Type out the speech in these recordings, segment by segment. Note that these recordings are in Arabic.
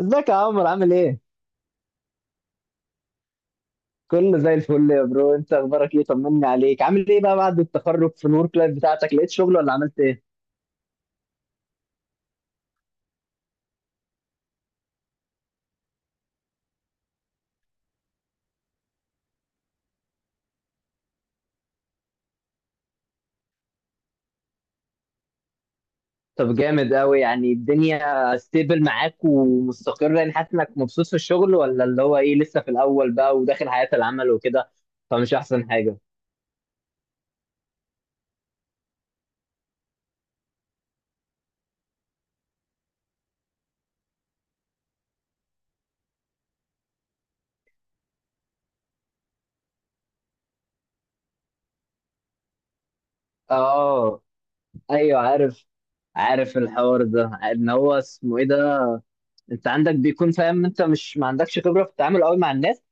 ازيك يا عمرو؟ عامل ايه؟ كله زي الفل يا برو. انت اخبارك ايه؟ طمني عليك، عامل ايه بقى بعد التخرج؟ في الورك لايف بتاعتك لقيت شغل ولا عملت ايه؟ طب جامد قوي، يعني الدنيا ستيبل معاك ومستقرة، يعني حاسس انك مبسوط في الشغل ولا اللي هو ايه لسه في الاول بقى وداخل حياة العمل وكده، فمش احسن حاجة؟ اه، ايوه عارف. عارف الحوار ده ان هو اسمه ايه ده، انت عندك بيكون فاهم، انت مش ما عندكش خبرة في التعامل قوي مع الناس.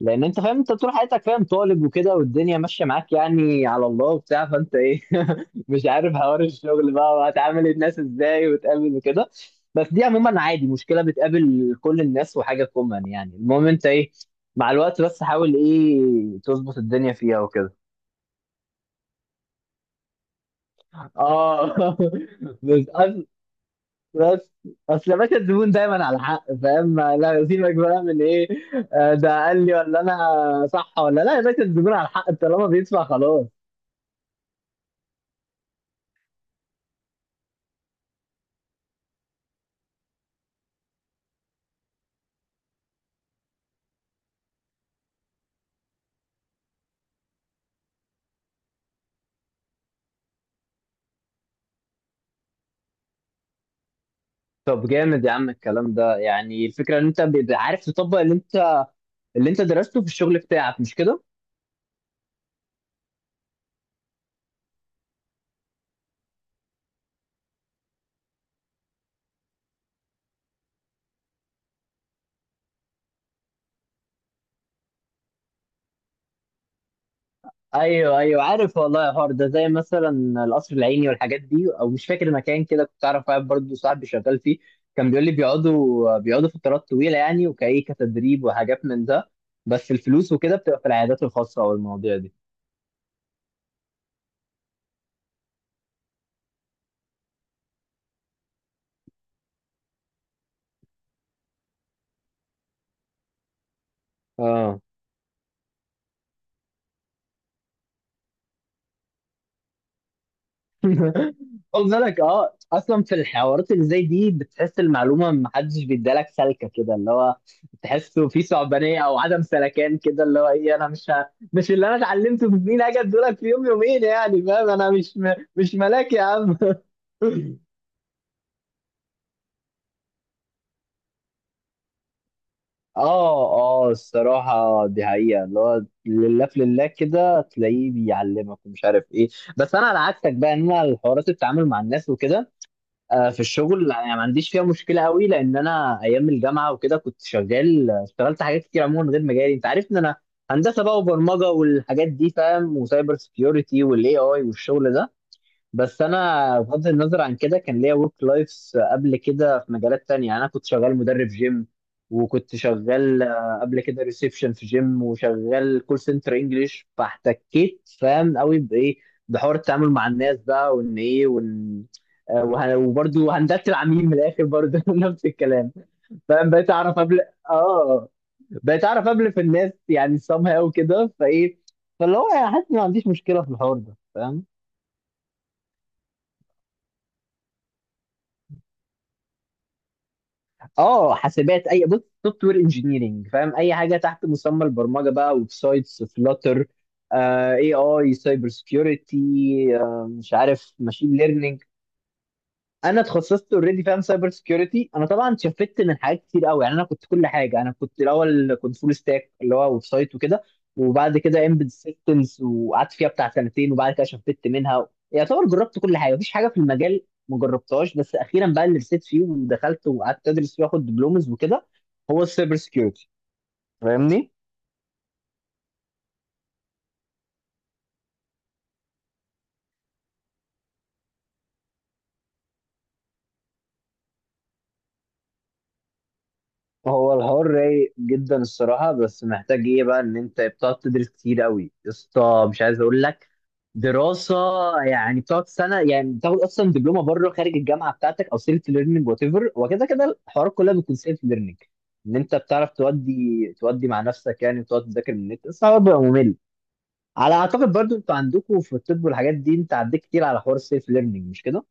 لان انت فاهم انت طول حياتك فاهم طالب وكده، والدنيا ماشيه معاك يعني على الله وبتاع، فانت ايه مش عارف حوار الشغل بقى وهتعامل الناس ازاي وتقابل وكده. بس دي عموما عادي، مشكله بتقابل كل الناس وحاجه كومن، يعني المهم انت ايه مع الوقت، بس حاول ايه تظبط الدنيا فيها وكده. اه بس أص- بس اصل يا باشا الزبون دايما على حق، فاهم؟ لا سيبك بقى من ايه ده قال لي ولا انا صح ولا لا، يا باشا الزبون على حق طالما بيدفع خلاص. طب جامد يا عم الكلام ده، يعني الفكرة ان انت بيبقى عارف تطبق اللي انت اللي انت درسته في الشغل بتاعك، مش كده؟ ايوه ايوه عارف، والله يا حوار ده زي مثلا القصر العيني والحاجات دي، او مش فاكر مكان كده كنت اعرف واحد برضه صاحبي شغال فيه. كان بيقول لي بيقعدوا فترات طويلة يعني وكايه كتدريب وحاجات من ده، بس الفلوس وكده بتبقى في العيادات الخاصة او المواضيع دي. اه، خد بالك، اه اصلا في الحوارات اللي زي دي بتحس المعلومه ما حدش بيدالك سلكه كده، اللي هو تحسه في صعبانيه او عدم سلكان كده، اللي هو ايه انا مش اللي انا اتعلمته في سنين اجي ادولك في يوم يومين، يعني فاهم انا مش ملاك يا عم اه، اه الصراحة دي حقيقة، اللي هو لله في لله كده تلاقيه بيعلمك ومش عارف ايه. بس انا على عكسك بقى، ان انا الحوارات التعامل مع الناس وكده في الشغل يعني ما عنديش فيها مشكله قوي، لان انا ايام الجامعه وكده كنت شغال، اشتغلت حاجات كتير عموما غير مجالي. انت عارف ان انا هندسه بقى وبرمجه والحاجات دي فاهم، وسايبر سكيورتي والاي اي والشغل ده. بس انا بغض النظر عن كده كان ليا ورك لايفs قبل كده في مجالات تانية، يعني انا كنت شغال مدرب جيم، وكنت شغال قبل كده ريسبشن في جيم، وشغال كول سنتر انجلش، فاحتكيت فاهم قوي بايه، بحوار التعامل مع الناس ده، وان ايه وان وبرضه هندلت العميل من الاخر برضه نفس الكلام فاهم. بقيت اعرف قبل، اه بقيت اعرف قبل في الناس يعني somehow كده فايه، فاللي هو يعني حاسس إني ما عنديش مشكله في الحوار ده فاهم. اه حاسبات، اي بص سوفت وير انجينيرنج فاهم، اي حاجه تحت مسمى البرمجه بقى، ويب سايتس فلاتر، اي اي سايبر سكيورتي، مش عارف ماشين ليرنينج. انا اتخصصت اوريدي فاهم سايبر سكيورتي. انا طبعا شفت من حاجات كتير قوي، يعني انا كنت كل حاجه، انا كنت الاول كنت فول ستاك اللي هو ويب سايت وكده، وبعد كده امبيد سيستمز وقعدت فيها بتاع سنتين، وبعد كده شفت منها يعتبر جربت كل حاجه، مفيش حاجه في المجال ما جربتهاش، بس اخيرا بقى اللي رسيت فيه ودخلت وقعدت ادرس فيه واخد دبلومز وكده، هو السايبر سكيورتي. فاهمني، هو الحوار رايق جدا الصراحة، بس محتاج ايه بقى ان انت بتقعد تدرس كتير قوي يا اسطى، مش عايز اقول لك دراسة. يعني بتقعد سنة، يعني بتاخد اصلا دبلومة بره خارج الجامعة بتاعتك، او سيلف ليرنينج وات ايفر، وكده كده الحوارات كلها بتكون سيلف ليرنينج، ان انت بتعرف تودي، تودي مع نفسك يعني، وتقعد تذاكر من النت، بس الحوار بيبقى ممل. على اعتقد برضو انتوا عندكم في الطب والحاجات دي انت عديت كتير على حوار السيلف ليرنينج، مش كده؟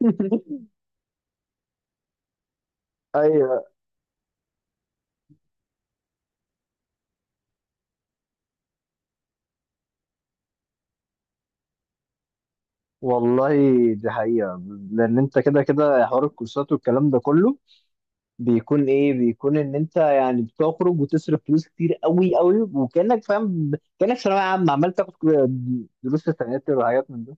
ايوه والله، دي حقيقة. لأن أنت كده كده حوار الكورسات والكلام ده كله بيكون إيه، بيكون إن أنت يعني بتخرج وتصرف فلوس كتير أوي أوي، وكأنك فاهم كأنك ثانوية عامة عمال تاخد دروس في التناتر وحاجات من ده.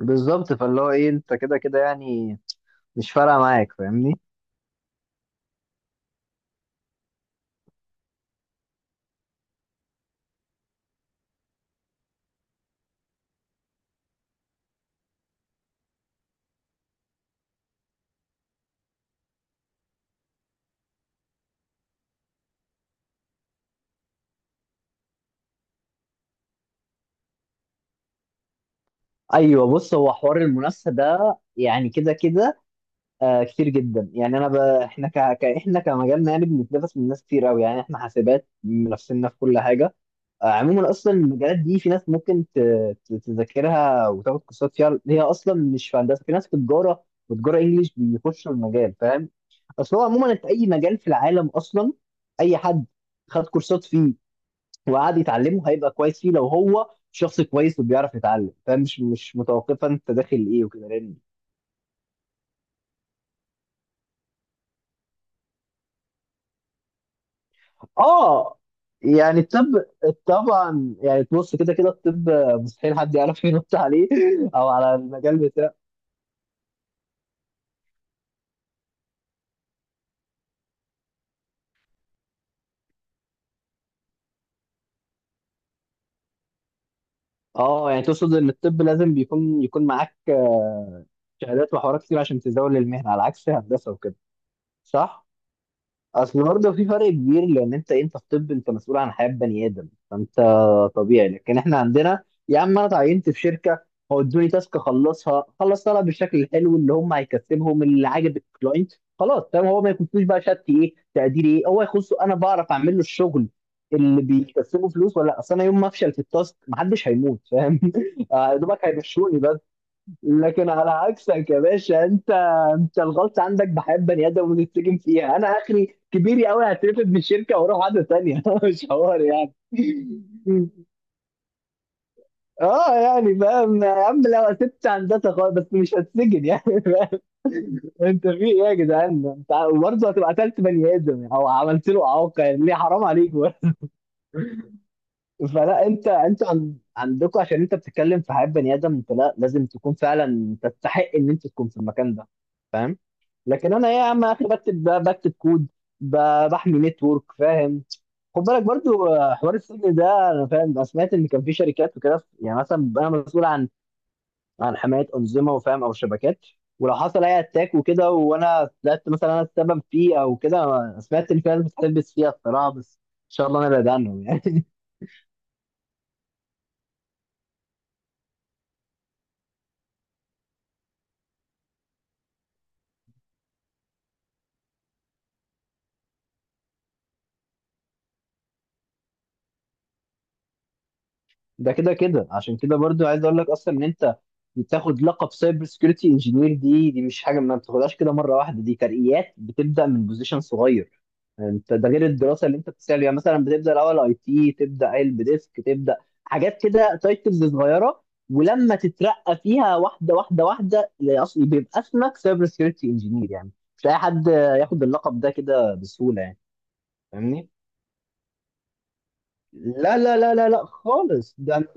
بالظبط، فاللي هو إيه، أنت كده كده يعني مش فارقة معاك، فاهمني. أيوه، بص، هو حوار المنافسة ده يعني كده كده آه كتير جدا. يعني انا ب... احنا ك... ك... احنا كمجالنا يعني بنتنافس من ناس كتير قوي، يعني احنا حاسبات منافسيننا في كل حاجه. آه عموما اصلا المجالات دي في ناس ممكن تذاكرها وتاخد كورسات فيها، هي اصلا مش في هندسه، في ناس في تجاره، وتجاره انجليش بيخشوا المجال فاهم. اصل هو عموما انت اي مجال في العالم اصلا، اي حد خد كورسات فيه وقعد يتعلمه هيبقى كويس فيه لو هو شخص كويس وبيعرف يتعلم، فاهم؟ مش متوقفه انت داخل ايه وكده، لان اه، يعني الطب، طبعا، يعني بص كده كده الطب مستحيل حد يعرف ينط عليه او على المجال بتاعه. اه يعني تقصد ان الطب لازم بيكون يكون معاك شهادات وحوارات كتير عشان تزاول المهنه، على عكس هندسه وكده، صح؟ اصل برضه في فرق كبير، لان انت في طب انت مسؤول عن حياه بني ادم، فانت طبيعي. لكن احنا عندنا، يا عم انا اتعينت في شركه، هو ادوني تاسك اخلصها، خلص طلب بالشكل الحلو اللي هم هيكسبهم اللي عاجب الكلاينت، خلاص فاهم، هو ما يكونش بقى شات ايه، تقدير ايه، هو يخصه انا بعرف اعمل له الشغل اللي بيكسبه فلوس ولا لا. اصل انا يوم ما افشل في التاسك محدش هيموت فاهم يا دوبك هيمشوني. لكن على عكسك يا باشا، انت الغلط عندك بحياة بني ادم ونتسجن فيها، انا اخري كبيري قوي هترفد من الشركه واروح عاده تانية مش حوار يعني. اه يعني فاهم يا عم، لو سبت هندسه خالص بس مش هتسجن يعني فاهم انت في ايه يا جدعان انت؟ وبرضه هتبقى قتلت بني ادم او عملت له اعاقه، يعني ليه، حرام عليك برضه. فلا عندكم عشان انت بتتكلم في حياة بني ادم، انت لا، لازم تكون فعلا تستحق ان انت تكون في المكان ده، فاهم. لكن انا ايه يا عم اخي، بكتب كود، بحمي نتورك فاهم. خد بالك برضو حوار السجن ده، انا فاهم انا سمعت ان كان في شركات وكده، يعني مثلا انا مسؤول عن عن حمايه انظمه وفاهم او شبكات، ولو حصل اي اتاك وكده وانا طلعت مثلا انا السبب فيه او كده، أنا سمعت ان في ناس بتلبس فيها الصراحه، بس ان شاء الله انا بعيد عنهم يعني. ده كده كده عشان كده برضو عايز اقول لك اصلا ان انت بتاخد لقب سايبر سكيورتي انجينير، دي مش حاجه ما بتاخدهاش كده مره واحده، دي ترقيات بتبدا من بوزيشن صغير، انت ده غير الدراسه اللي انت بتسال. يعني مثلا بتبدا الاول اي تي، تبدا قلب ديسك، تبدا حاجات كده تايتلز صغيره، ولما تترقى فيها واحده واحده واحده اللي اصلا بيبقى اسمك سايبر سكيورتي انجينير يعني. مش اي حد ياخد اللقب ده كده بسهوله يعني. فاهمني، لا خالص، ده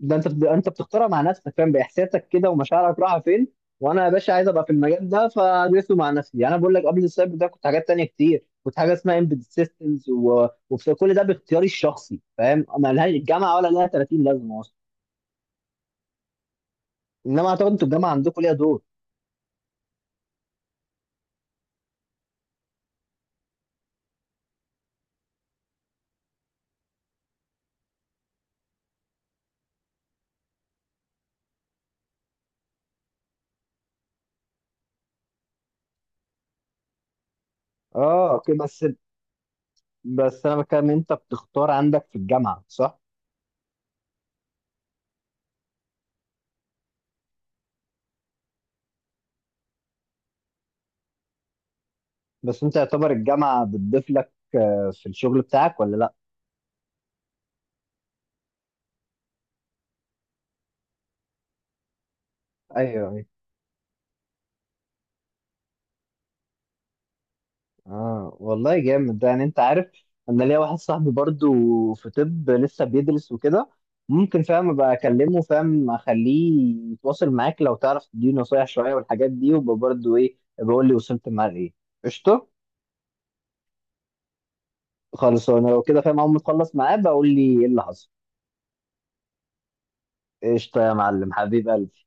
ده انت انت بتختارها مع نفسك فاهم، باحساسك كده ومشاعرك رايحه فين، وانا يا باشا عايز ابقى في المجال ده فادرسه مع نفسي. يعني انا بقول لك قبل السايبر ده كنت حاجات تانية كتير، كنت حاجه اسمها امبيد سيستمز، وكل ده باختياري الشخصي فاهم، ما لهاش الجامعه ولا لها 30 لازمه اصلا. انما اعتقد انتوا الجامعه عندكم ليها دور. اه اوكي، بس بس انا بتكلم انت بتختار عندك في الجامعه، صح؟ بس انت يعتبر الجامعه بتضيف لك في الشغل بتاعك ولا لا؟ ايوه، اه والله جامد ده، يعني انت عارف انا ليا واحد صاحبي برضو في طب لسه بيدرس وكده، ممكن فاهم ابقى اكلمه فاهم اخليه يتواصل معاك لو تعرف تديني نصايح شويه والحاجات دي، وابقى برضو ايه بقول لي وصلت معاه لايه. قشطه. خلاص انا لو كده فاهم اول ما تخلص معاه بقول لي ايه اللي حصل. قشطه يا معلم، حبيب قلبي.